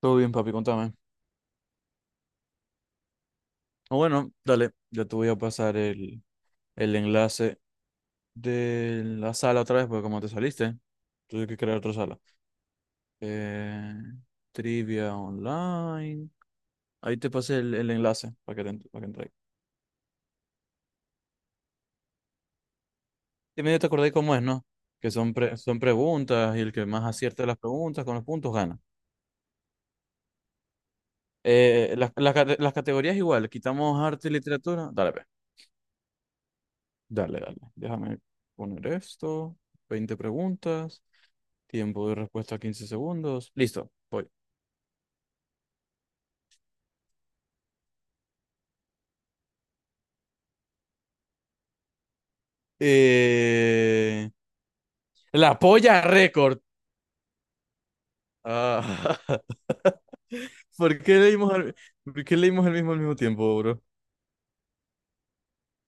Todo bien, papi, contame. Bueno, dale, yo te voy a pasar el enlace de la sala otra vez, porque como te saliste, tuve que crear otra sala. Eh, trivia online. Ahí te pasé el enlace para que, para que entres. Y medio te acordé cómo es, ¿no? Que son, son preguntas y el que más acierte las preguntas con los puntos gana. Las las categorías igual, quitamos arte y literatura. Dale, pues. Dale, dale. Déjame poner esto. 20 preguntas. Tiempo de respuesta 15 segundos. Listo, voy. Eh, la polla récord. Ah, ¿Por qué por qué leímos el mismo al mismo tiempo, bro?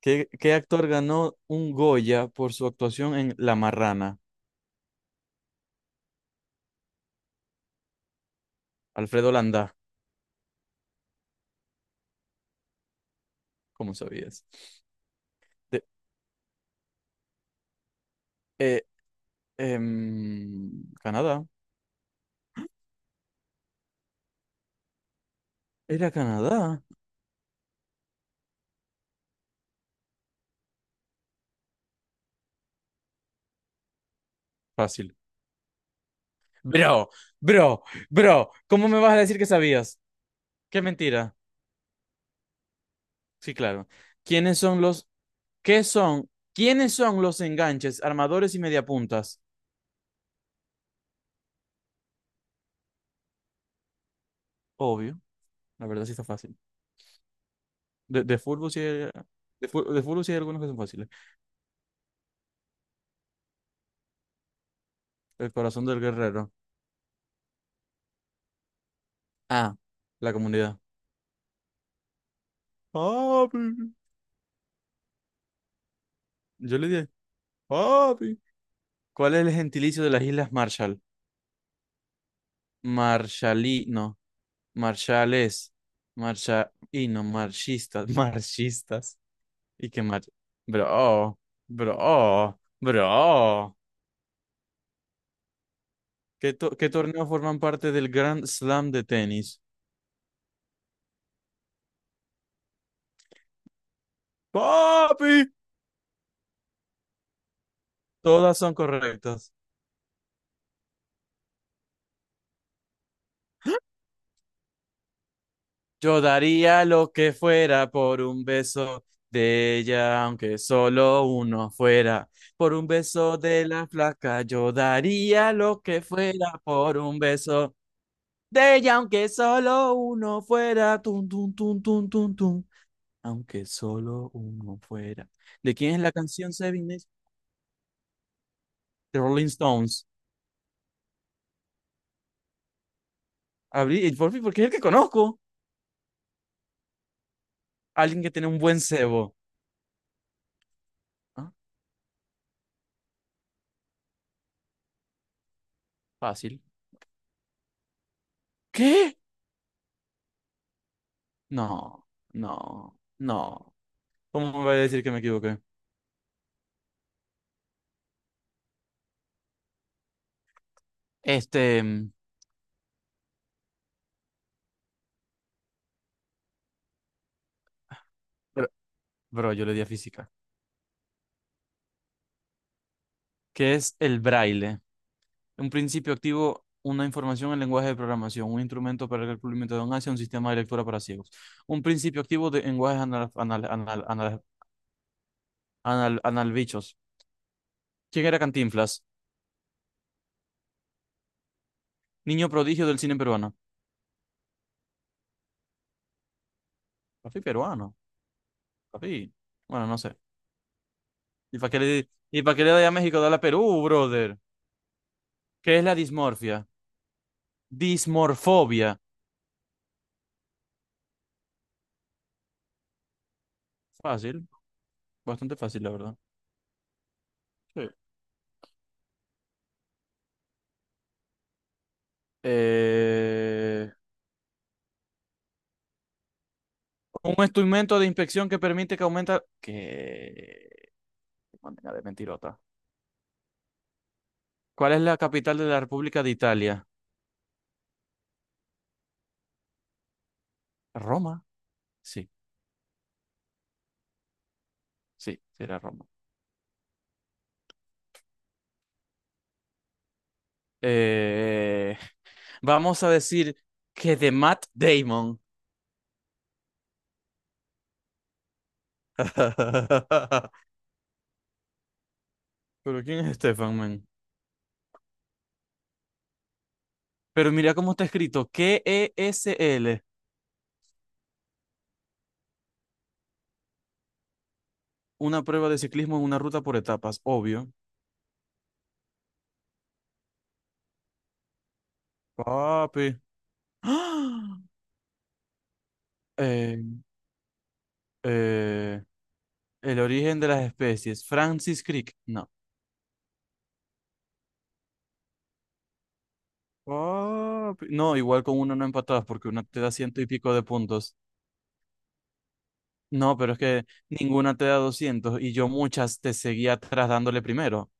¿Qué, qué actor ganó un Goya por su actuación en La Marrana? Alfredo Landá, ¿cómo sabías? De- eh, Canadá. Era Canadá. Fácil. Bro, bro, bro, ¿cómo me vas a decir que sabías? Qué mentira. Sí, claro. ¿Quiénes son quiénes son los enganches, armadores y mediapuntas? Obvio, la verdad sí está fácil. De fútbol sí hay, de fútbol sí hay algunos que son fáciles. El corazón del guerrero. Ah, la comunidad. Papi. Yo le dije, papi. ¿Cuál es el gentilicio de las Islas Marshall? Marshallino, marshales, marsha, y no, marchistas, marchistas. Y que mate. Bro, bro. ¿Qué torneos forman parte del Grand Slam de tenis? ¡Papi! Todas son correctas. Yo daría lo que fuera por un beso de ella, aunque solo uno fuera. Por un beso de la flaca, yo daría lo que fuera por un beso de ella, aunque solo uno fuera. Tun, tun, tun, tun, tun, tun, aunque solo uno fuera. ¿De quién es la canción Seven Days? The Rolling Stones. Abrí el por fin, porque es el que conozco. Alguien que tiene un buen cebo. Ah, Fácil. ¿Qué? No, no, no. ¿Cómo me voy a decir que me equivoqué? Este, bro, bro, yo le di a física. ¿Qué es el braille? Un principio activo, una información en lenguaje de programación, un instrumento para el cumplimiento de un sistema de lectura para ciegos. Un principio activo de lenguajes anal, anal, anal, anal-, anal-, analbichos. ¿Quién era Cantinflas? Niño prodigio del cine peruano. Papi peruano. Papi. Bueno, no sé. ¿Y y para qué le doy a México? Dale a Perú, brother. ¿Qué es la dismorfia? Dismorfobia. Fácil. Bastante fácil, la verdad. Sí. Eh, un instrumento de inspección que permite que aumenta... ¿Qué? Qué manera de mentirota. ¿Cuál es la capital de la República de Italia? ¿Roma? Sí, sí era Roma. Eh, vamos a decir que de Matt Damon. Pero ¿quién es Stefan man? Pero mira cómo está escrito. KESL. Una prueba de ciclismo en una ruta por etapas, obvio. Papi. ¡Ah! Eh, eh, el origen de las especies. Francis Crick. No. Papi. No, igual con una no empatadas porque una te da ciento y pico de puntos. No, pero es que ninguna te da 200 y yo muchas te seguía atrás dándole primero.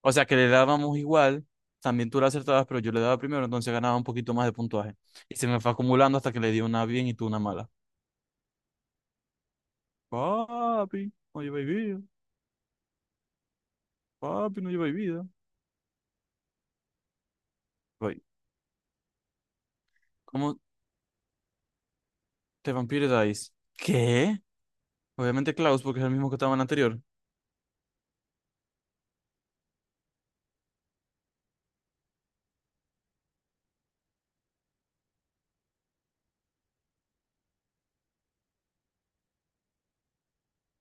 O sea que le dábamos igual, también tú la acertabas, pero yo le daba primero, entonces ganaba un poquito más de puntuaje. Y se me fue acumulando hasta que le di una bien y tú una mala. Papi, no lleváis vida. Papi, no lleváis vida. Voy. ¿Cómo te Vampire Dice? ¿Qué? Obviamente Klaus, porque es el mismo que estaba en el anterior.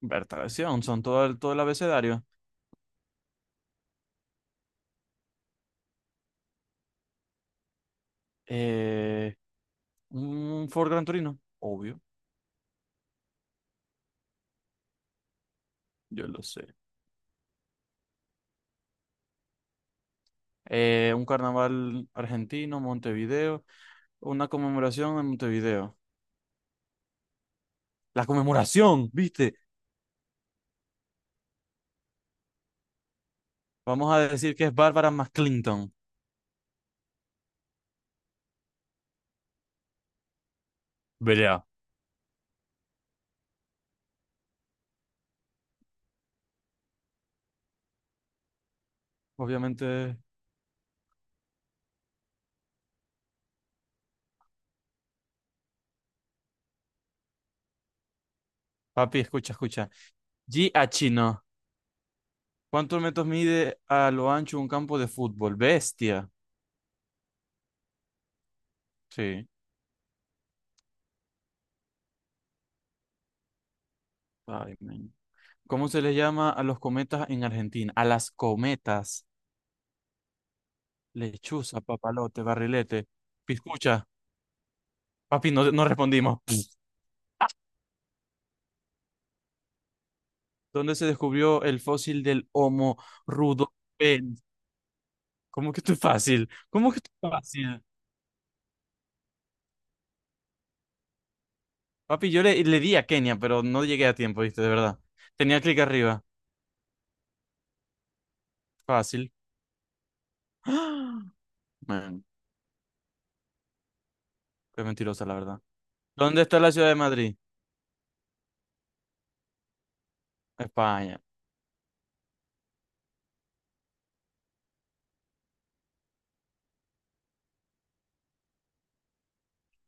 Bertaleción, son todo el abecedario. Eh, un Ford Gran Torino, obvio, yo lo sé. Un carnaval argentino, Montevideo. Una conmemoración en Montevideo. La conmemoración, ¿viste? Vamos a decir que es Bárbara McClinton. Belea. Obviamente, papi, escucha, escucha. G a chino. ¿Cuántos metros mide a lo ancho un campo de fútbol? Bestia. Sí. Ay, men. ¿Cómo se les llama a los cometas en Argentina? A las cometas. Lechuza, papalote, barrilete. Piscucha. Papi, no, no respondimos. ¿Dónde se descubrió el fósil del Homo rudolfensis? ¿Cómo que esto es fácil? ¿Cómo que esto es fácil? Papi, le di a Kenia, pero no llegué a tiempo, viste, de verdad. Tenía clic arriba. Fácil. ¡Ah! Man, qué mentirosa, la verdad. ¿Dónde está la ciudad de Madrid? España.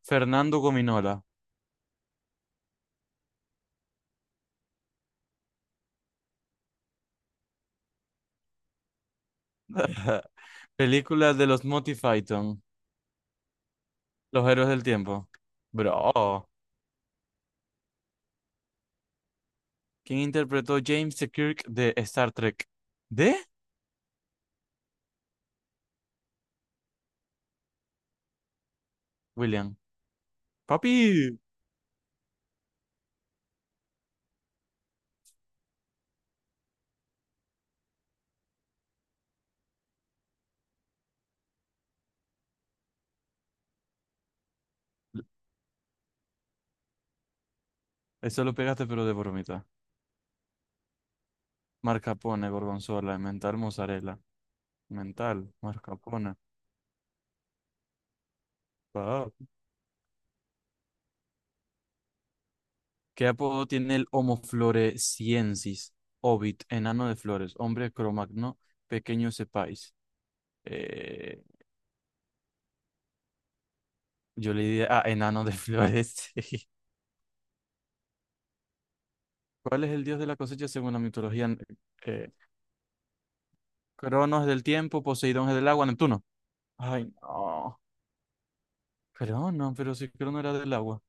Fernando Gominola. Película de los Monty Python. Los héroes del tiempo. Bro. ¿Quién interpretó James T. Kirk de Star Trek? ¿De? William. Papi. Eso lo pegaste, pero de bromita. Mascarpone, gorgonzola, mental, mozzarella. Mental, mascarpone. ¿Qué apodo tiene el Homo floresiensis? Ovid, enano de flores, hombre cromagno, pequeño sepáis. Eh, yo le diría, ah, enano de flores. sí. ¿Cuál es el dios de la cosecha según la mitología? Eh, Cronos es del tiempo, Poseidón es del agua, Neptuno. Ay, no. Crono, pero si Crono era del agua.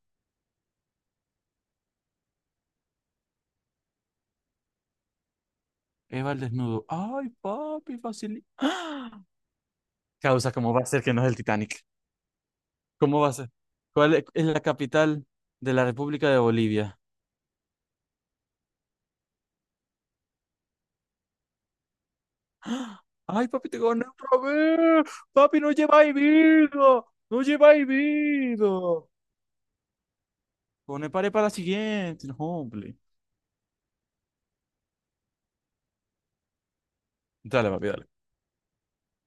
Eva el desnudo. Ay, papi, fácil. Ah. Causa, ¿cómo va a ser que no es el Titanic? ¿Cómo va a ser? ¿Cuál es la capital de la República de Bolivia? ¡Ah! Ay, papi, te gané otra vez. Papi, no lleváis vida. No lleváis vida. Pone pared para la siguiente. No, hombre. Dale, papi, dale.